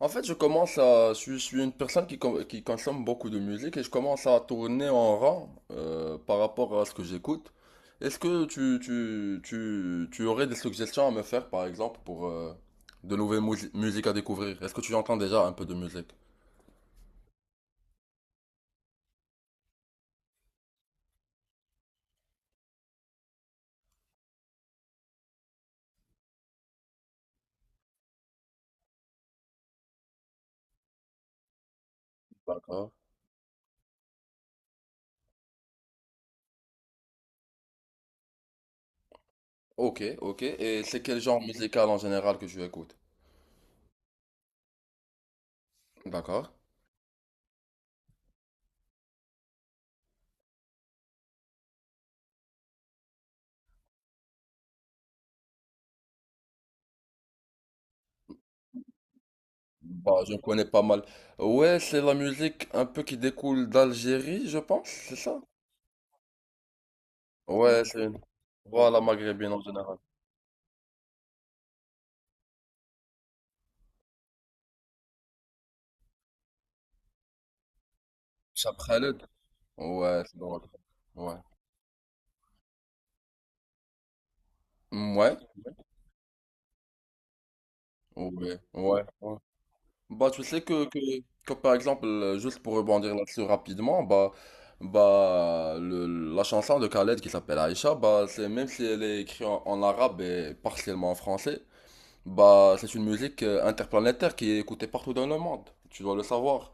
En fait, je commence à, je suis une personne qui consomme beaucoup de musique et je commence à tourner en rang par rapport à ce que j'écoute. Est-ce que tu aurais des suggestions à me faire, par exemple, pour de nouvelles musiques à découvrir? Est-ce que tu entends déjà un peu de musique? D'accord. Ok, ok. Et c'est quel genre musical en général que tu écoutes? D'accord. Bah, je connais pas mal. Ouais, c'est la musique un peu qui découle d'Algérie, je pense, c'est ça? Ouais. Voilà, maghrébine en général. Chaprelet? Ouais, c'est drôle. Ouais. Mm, ouais. Ouais. Ouais. Ouais. Bah, tu sais que, par exemple, juste pour rebondir là-dessus rapidement, bah la chanson de Khaled qui s'appelle Aïcha, bah, c'est, même si elle est écrite en arabe et partiellement en français, bah, c'est une musique interplanétaire qui est écoutée partout dans le monde. Tu dois le savoir.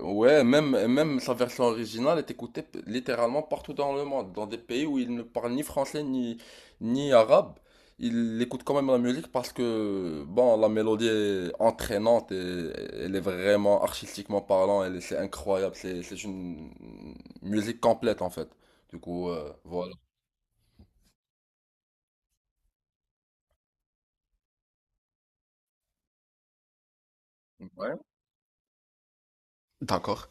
Ouais, même sa version originale est écoutée littéralement partout dans le monde, dans des pays où il ne parle ni français ni arabe. Il écoute quand même la musique parce que, bon, la mélodie est entraînante et elle est vraiment artistiquement parlant, c'est incroyable, c'est une musique complète en fait. Du coup, voilà. Ouais. D'accord.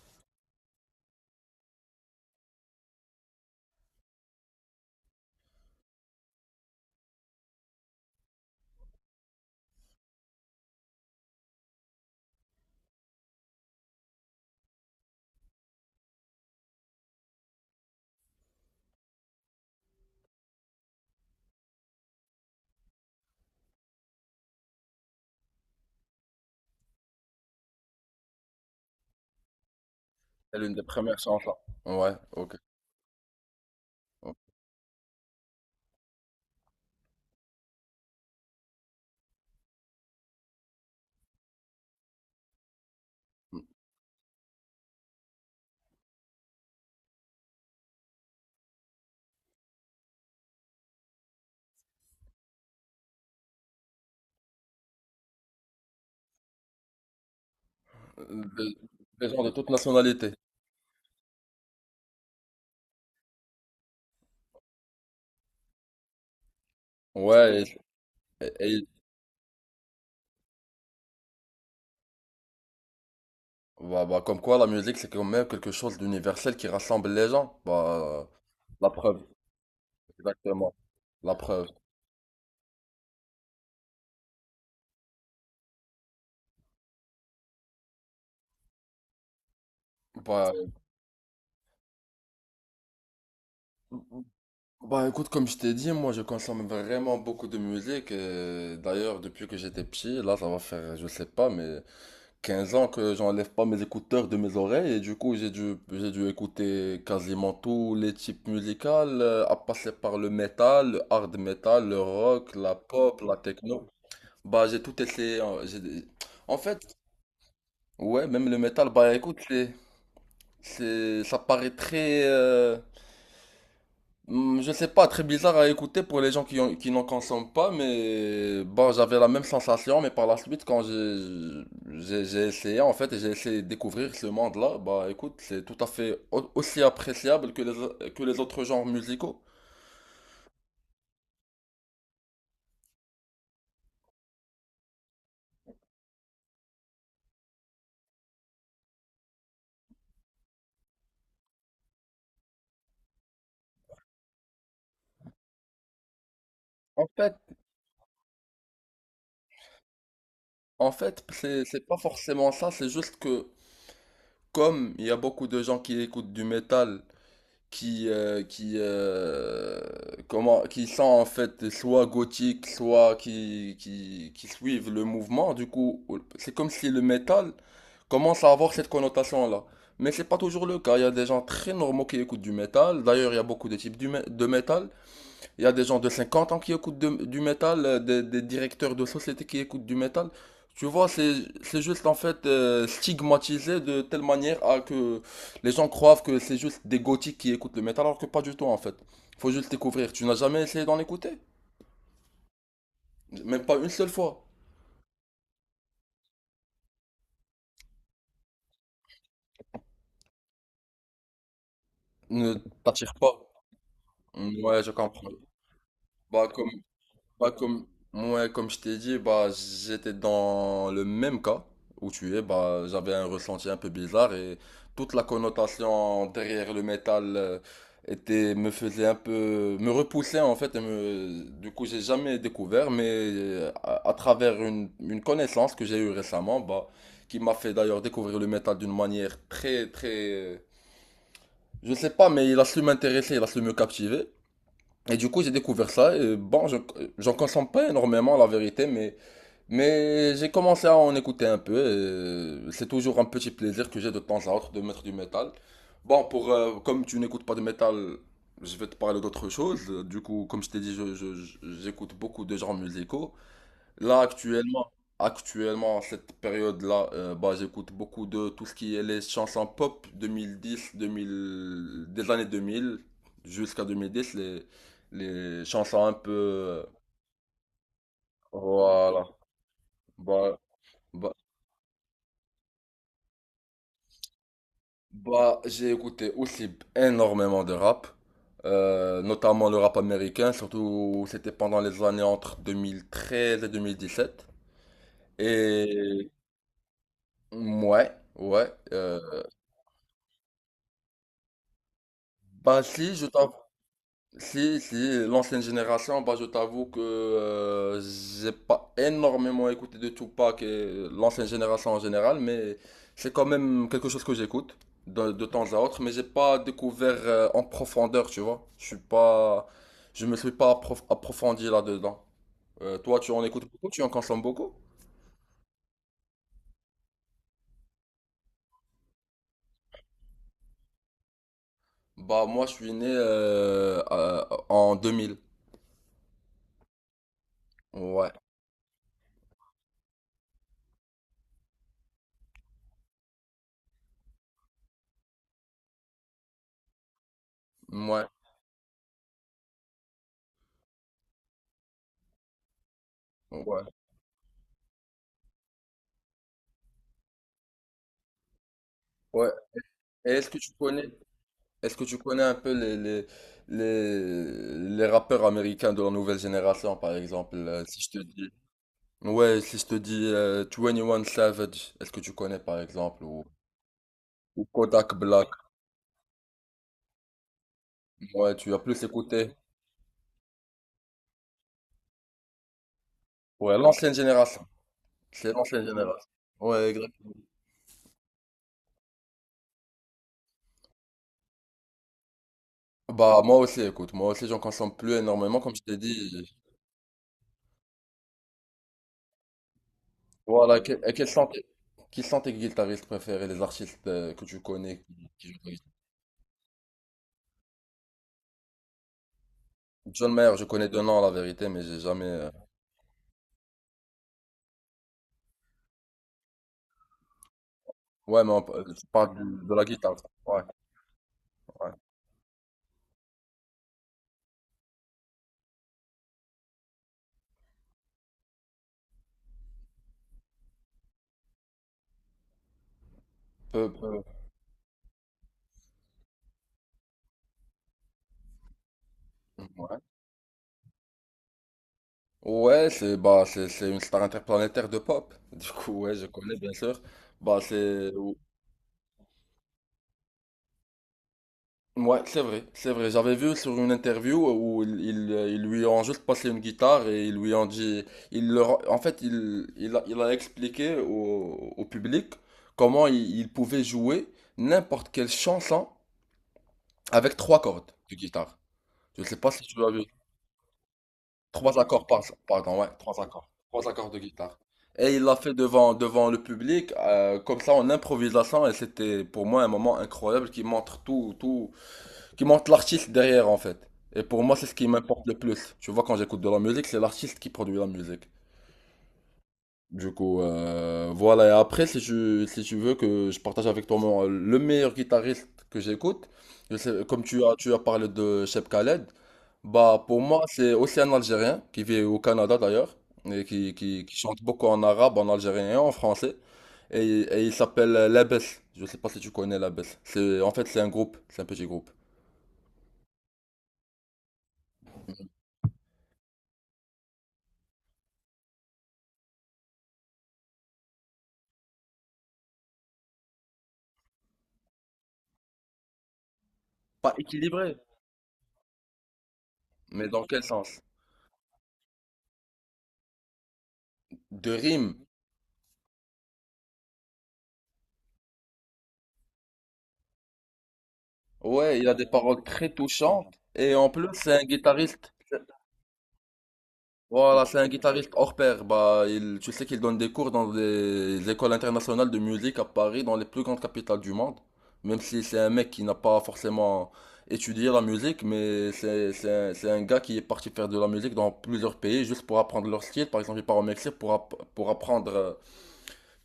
C'est l'une des premières chansons. Ouais, ok. De- Des gens de toute nationalité. Ouais, et bah, comme quoi la musique c'est quand même quelque chose d'universel qui rassemble les gens. Bah, la preuve, exactement. La preuve. Bah, écoute, comme je t'ai dit, moi je consomme vraiment beaucoup de musique. Et d'ailleurs, depuis que j'étais petit, là ça va faire, je sais pas, mais 15 ans que j'enlève pas mes écouteurs de mes oreilles. Et du coup, j'ai dû écouter quasiment tous les types musicaux, à passer par le metal, le hard metal, le rock, la pop, la techno. Bah j'ai tout essayé, hein, En fait, ouais, même le métal, bah écoute, c'est, ça paraît très, je sais pas, très bizarre à écouter pour les gens qui n'en consomment pas, mais bon, j'avais la même sensation, mais par la suite, quand j'ai essayé en fait, et j'ai essayé de découvrir ce monde-là, bah écoute, c'est tout à fait aussi appréciable que les autres genres musicaux. En fait, en fait, c'est pas forcément ça, c'est juste que comme il y a beaucoup de gens qui écoutent du métal qui, euh, qui, euh, qui sont en fait soit gothiques, soit qui suivent le mouvement. Du coup, c'est comme si le métal commence à avoir cette connotation-là. Mais c'est pas toujours le cas. Il y a des gens très normaux qui écoutent du métal. D'ailleurs, il y a beaucoup de types de métal. Il y a des gens de 50 ans qui écoutent du métal, des directeurs de société qui écoutent du métal. Tu vois, c'est juste en fait stigmatisé de telle manière à que les gens croient que c'est juste des gothiques qui écoutent le métal, alors que pas du tout en fait. Faut juste découvrir. Tu n'as jamais essayé d'en écouter? Même pas une seule fois. Ne t'attire pas. Ouais, je comprends. Bah, Bah, comme, ouais, comme je t'ai dit, bah, j'étais dans le même cas où tu es. Bah, j'avais un ressenti un peu bizarre et toute la connotation derrière le métal me faisait un peu, me repoussait en fait. Et du coup, j'ai jamais découvert, mais à travers une connaissance que j'ai eue récemment, bah, qui m'a fait d'ailleurs découvrir le métal d'une manière très, très, je sais pas, mais il a su m'intéresser, il a su me captiver. Et du coup, j'ai découvert ça. Et bon, j'en consomme pas énormément, la vérité, mais j'ai commencé à en écouter un peu. Et c'est toujours un petit plaisir que j'ai de temps à autre de mettre du métal. Bon, comme tu n'écoutes pas de métal, je vais te parler d'autre chose. Du coup, comme je t'ai dit, j'écoute beaucoup de genres musicaux. Là, actuellement, en cette période-là, bah, j'écoute beaucoup de tout ce qui est les chansons pop 2010, 2000, des années 2000 jusqu'à 2010, les chansons un peu. Voilà. Bah, bah, Bah, j'ai écouté aussi énormément de rap, notamment le rap américain, surtout c'était pendant les années entre 2013 et 2017. Et. Ouais, ouais. Bah si, je t'avoue. Si, si, l'ancienne génération, bah, je t'avoue que j'ai pas énormément écouté de Tupac et l'ancienne génération en général, mais c'est quand même quelque chose que j'écoute de temps à autre, mais j'ai pas découvert en profondeur, tu vois. Je me suis pas approfondi là-dedans. Toi, tu en écoutes beaucoup, tu en consommes beaucoup? Bah, moi, je suis né en 2000. Ouais, ouais, ouais, ouais. Et est-ce que tu connais? Est-ce que tu connais un peu les rappeurs américains de la nouvelle génération, par exemple, si je te dis... Ouais, si je te dis 21 Savage, est-ce que tu connais, par exemple, ou Kodak Black? Ouais, tu as plus écouté. Ouais, l'ancienne génération. C'est l'ancienne génération. Ouais, exact. Bah, moi aussi, écoute, moi aussi, j'en consomme plus énormément, comme je t'ai dit. Voilà, et quels sont qui sont tes guitaristes préférés, les artistes que tu connais qui jouent de la guitare? John Mayer, je connais deux noms, la vérité, mais j'ai jamais... Ouais, mais tu parles de la guitare, ça. Ouais, ouais. Peu, peu, ouais. Ouais, c'est bah, c'est une star interplanétaire de pop. Du coup, ouais, je connais bien sûr. Bah, c'est ouais, c'est vrai, c'est vrai. J'avais vu sur une interview où ils lui ont juste passé une guitare et ils lui ont dit, il leur, en fait, il a expliqué au public comment il pouvait jouer n'importe quelle chanson avec trois cordes de guitare. Je sais pas si tu as vu Trois accords par jour, pardon, ouais, trois accords. Trois accords de guitare. Et il l'a fait devant le public, comme ça en improvisation, et c'était pour moi un moment incroyable qui montre tout, qui montre l'artiste derrière en fait. Et pour moi, c'est ce qui m'importe le plus. Tu vois, quand j'écoute de la musique, c'est l'artiste qui produit la musique. Du coup, voilà. Et après, si tu veux que je partage avec toi le meilleur guitariste que j'écoute, comme tu as parlé de Cheb Khaled, bah, pour moi, c'est aussi un Algérien qui vit au Canada d'ailleurs, et qui chante beaucoup en arabe, en algérien et en français. Et il s'appelle Labès. Je sais pas si tu connais Labès. C'est un petit groupe. Pas équilibré, mais dans quel sens? De rime. Ouais, il a des paroles très touchantes. Et en plus, c'est un guitariste. Voilà, c'est un guitariste hors pair. Bah, tu sais qu'il donne des cours dans des écoles internationales de musique à Paris, dans les plus grandes capitales du monde. Même si c'est un mec qui n'a pas forcément étudié la musique, mais c'est un gars qui est parti faire de la musique dans plusieurs pays juste pour apprendre leur style. Par exemple, il part au Mexique pour apprendre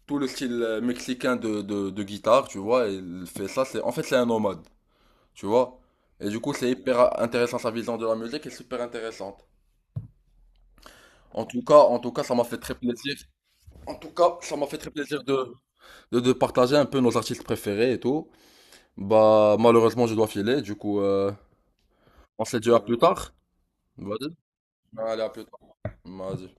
tout le style mexicain de guitare, tu vois. Et il fait ça, en fait, c'est un nomade, tu vois. Et du coup, c'est hyper intéressant, sa vision de la musique est super intéressante. En tout cas, ça m'a fait très plaisir. En tout cas, ça m'a fait très plaisir de partager un peu nos artistes préférés et tout. Bah, malheureusement, je dois filer, du coup, on se dit à plus tard. Vas-y. Allez, à plus tard. Vas-y.